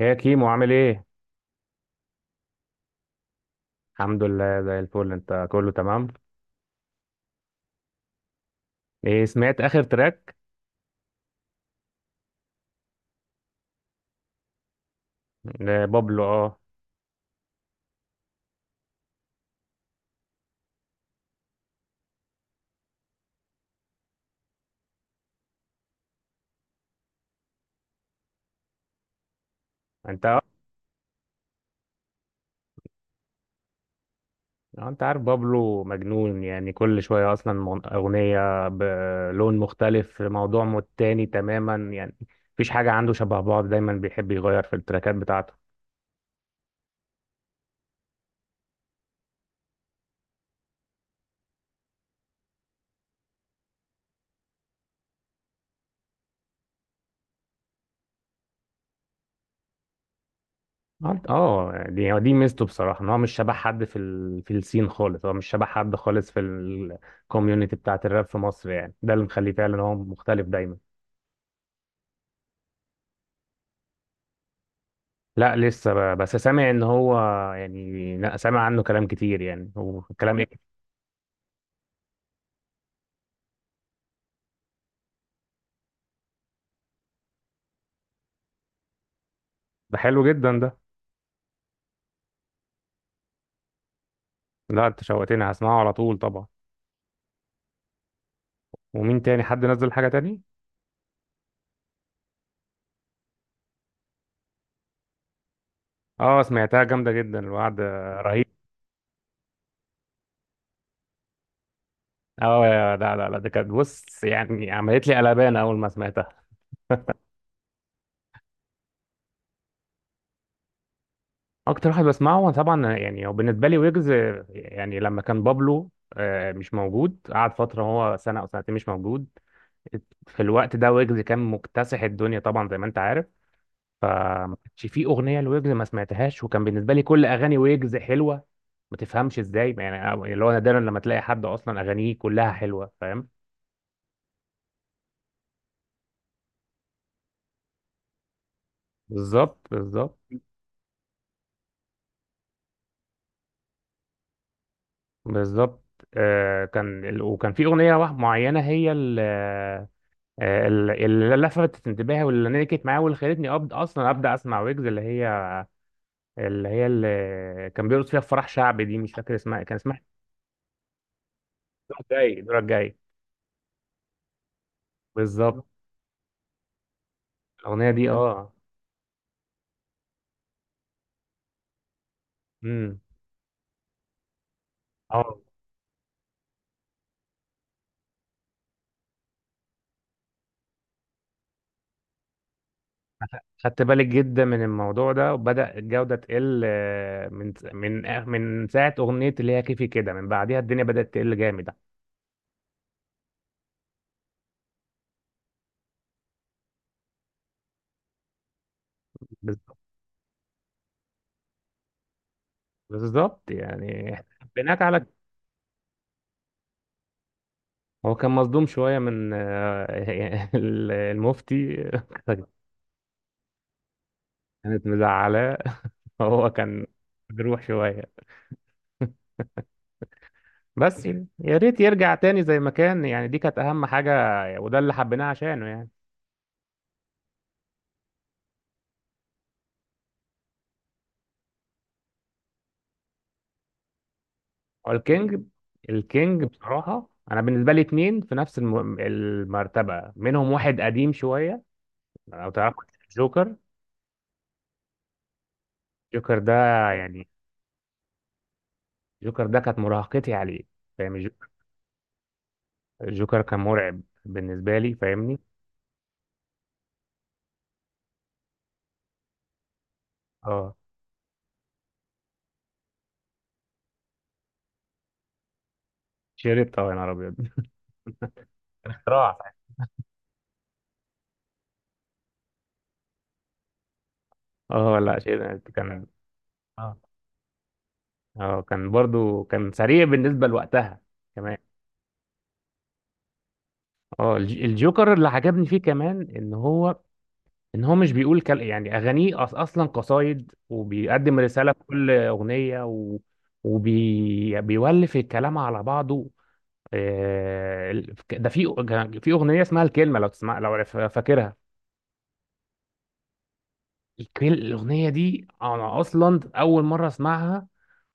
يا كيمو، عامل ايه؟ الحمد لله، زي الفل. انت كله تمام؟ ايه، سمعت اخر تراك لبابلو؟ اه. انت اه انت عارف بابلو مجنون، يعني كل شوية اصلا اغنية بلون مختلف، في موضوع تاني تماما يعني. مفيش حاجة عنده شبه بعض، دايما بيحب يغير في التراكات بتاعته. دي ميزته بصراحة، ان هو مش شبه حد في السين خالص، هو مش شبه حد خالص في الكوميونتي بتاعت الراب في مصر، يعني ده اللي مخليه فعلا هو مختلف دايما. لا، لسه بس سامع ان هو يعني... لا، سامع عنه كلام كتير، يعني وكلام ايه؟ ده حلو جدا ده. لا، انت شوقتني، هسمعه على طول طبعا. ومين تاني حد نزل حاجة تاني؟ اه، سمعتها جامدة جدا الوعد، رهيب. لا لا لا، ده كانت بص يعني، عملت لي قلبان اول ما سمعتها. اكتر واحد بسمعه طبعا يعني، هو بالنسبة لي ويجز. يعني لما كان بابلو مش موجود، قعد فترة، هو سنة أو سنتين مش موجود. في الوقت ده ويجز كان مكتسح الدنيا طبعا، زي ما أنت عارف. فما كانش في اغنيه لويجز ما سمعتهاش، وكان بالنسبه لي كل اغاني ويجز حلوه. ما تفهمش ازاي يعني، اللي هو نادرا لما تلاقي حد اصلا اغانيه كلها حلوه، فاهم؟ بالظبط، بالظبط، بالظبط. وكان في اغنيه واحده معينه، هي ال- آه، ال- اللي لفتت انتباهي، واللي نكت معايا، واللي خلتني أبد اصلا ابدا اسمع ويجز، اللي كان بيرقص فيها في فرح شعبي، دي مش فاكر اسمها. كان اسمها الدور الجاي، الدور الجاي. بالظبط. الاغنيه دي، اه. امم خدت بالك جدا من الموضوع ده، وبدأ الجودة تقل من ساعة أغنية اللي هي كيفي كده، من بعديها الدنيا بدأت تقل جامد. بالظبط، بالظبط يعني. بناك على هو كان مصدوم شوية من المفتي كانت مزعلاه، هو كان مجروح شوية بس. يا ريت يرجع تاني زي ما كان، يعني دي كانت أهم حاجة، وده اللي حبيناه عشانه يعني. هو الكينج. الكينج بصراحة أنا بالنسبة لي اتنين في نفس المرتبة، منهم واحد قديم شوية لو تعرف: جوكر. جوكر ده يعني، جوكر ده كانت مراهقتي عليه، فاهم جوكر؟ كان مرعب بالنسبة لي، فاهمني؟ اه شربت، اه يا نهار أبيض. راح، اه لا شربت كان، اه، اه، كان برضو سريع بالنسبة لوقتها كمان. اه الجوكر اللي عجبني فيه كمان ان هو مش بيقول يعني اغانيه اصلا قصايد، وبيقدم رساله في كل اغنيه وبيولف بيولف الكلام على بعضه. ده في في اغنيه اسمها الكلمه لو تسمع، لو فاكرها. الاغنيه دي انا اصلا اول مره اسمعها،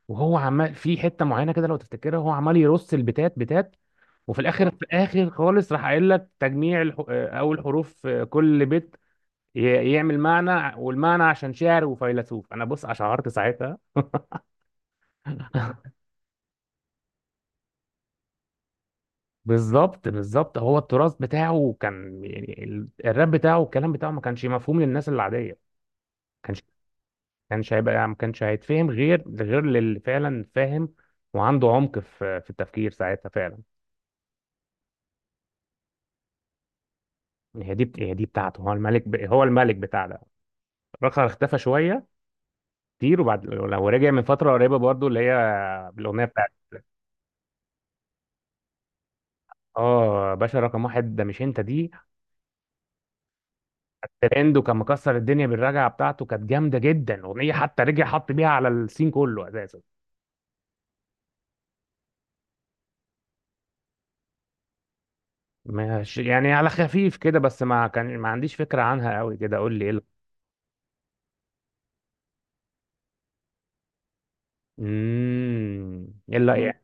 وهو عمال في حته معينه كده لو تفتكرها، هو عمال يرص البتات بتات. وفي الاخر، في الاخر خالص، راح قايل لك تجميع الح... آه، اول حروف، كل بيت يعمل معنى، والمعنى عشان شاعر وفيلسوف، انا بص اشعرت ساعتها. بالظبط، بالظبط. هو التراث بتاعه كان يعني الراب بتاعه والكلام بتاعه ما كانش مفهوم للناس العاديه. كانش كانش هيبقى، ما كانش هيتفهم غير للي فعلا فاهم وعنده عمق في التفكير ساعتها فعلا. يعني هي دي بتاعته، هو الملك هو الملك بتاع ده. رخر اختفى شويه كتير، وبعد لو رجع من فتره قريبه برضو اللي هي بالاغنيه بتاعت اه باشا رقم واحد، ده مش انت دي؟ ترند، وكان مكسر الدنيا بالرجعه بتاعته، كانت جامده جدا اغنيه، حتى رجع حط بيها على السين كله اساسا. ماشي يعني على خفيف كده، بس ما عنديش فكره عنها قوي كده، قول لي ايه ايه اللي يعني؟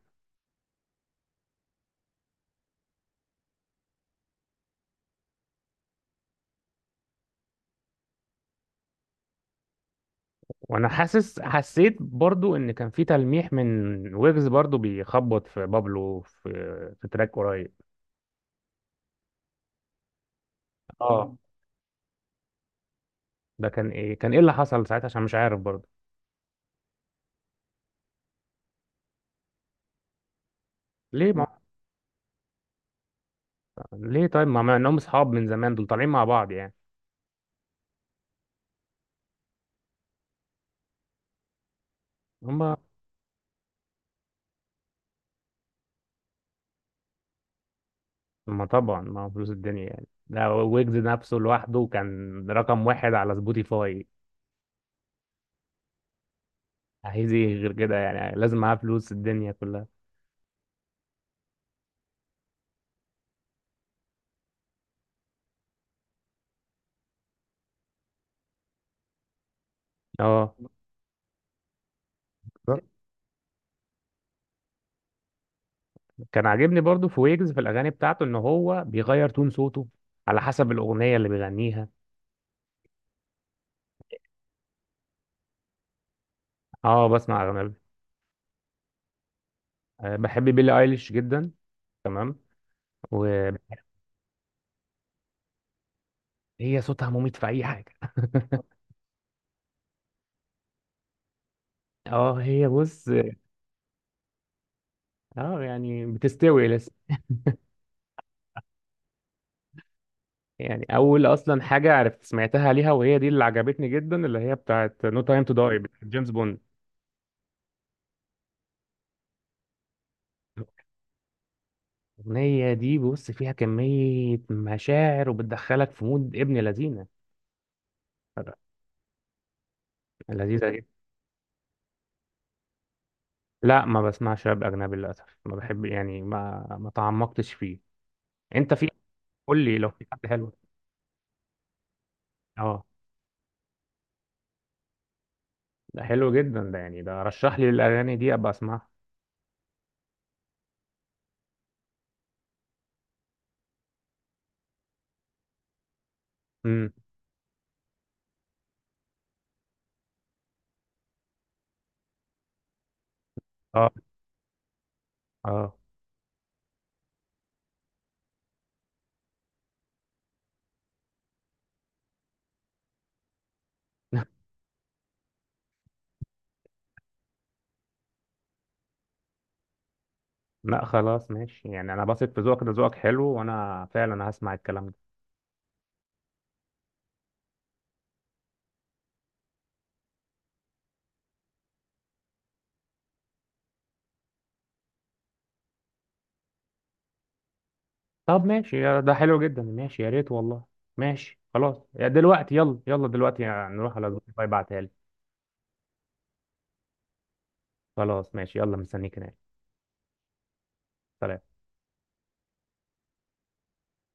وانا حسيت برضو ان كان في تلميح من ويجز برضو بيخبط في بابلو في تراك قريب. اه، ده كان ايه، اللي حصل ساعتها عشان مش عارف برضو؟ ليه ما... ليه طيب، ما انهم اصحاب من زمان دول طالعين مع بعض يعني. هم. ما طبعا ما هو فلوس الدنيا يعني، ده ويجز نفسه لوحده كان رقم واحد على سبوتيفاي، عايز ايه غير كده يعني؟ لازم معاه فلوس الدنيا كلها. اه، بالظبط. كان عاجبني برضو في ويجز في الاغاني بتاعته ان هو بيغير تون صوته على حسب الاغنيه اللي بيغنيها. اه، بسمع اغاني. بحب بيلي ايليش جدا، تمام. وهي صوتها مميت في اي حاجه. اه هي بص، اه يعني بتستوي. يعني اول اصلا حاجه عرفت سمعتها ليها وهي دي اللي عجبتني جدا، اللي هي بتاعت نو تايم تو داي بتاعت جيمس بوند. الاغنيه دي بص فيها كميه مشاعر، وبتدخلك في مود ابن لذينه. لذيذه جدا. لا، ما بسمعش راب اجنبي للاسف، ما بحب يعني، ما تعمقتش فيه. انت في قول لي لو في حد حلو. اه، ده حلو جدا ده، يعني ده رشح لي الاغاني دي ابقى اسمعها. امم. اه. اه. لا خلاص ماشي يعني، انا بثق في ذوقك، ده ذوقك حلو، وانا فعلا هسمع الكلام ده. طب ماشي، ده حلو جدا، ماشي يا ريت والله. ماشي خلاص، يا دلوقتي يلا يلا دلوقتي، يعني نروح على سبوتيفاي، بعتها لي. خلاص ماشي، يلا، مستنيك هناك. سلام.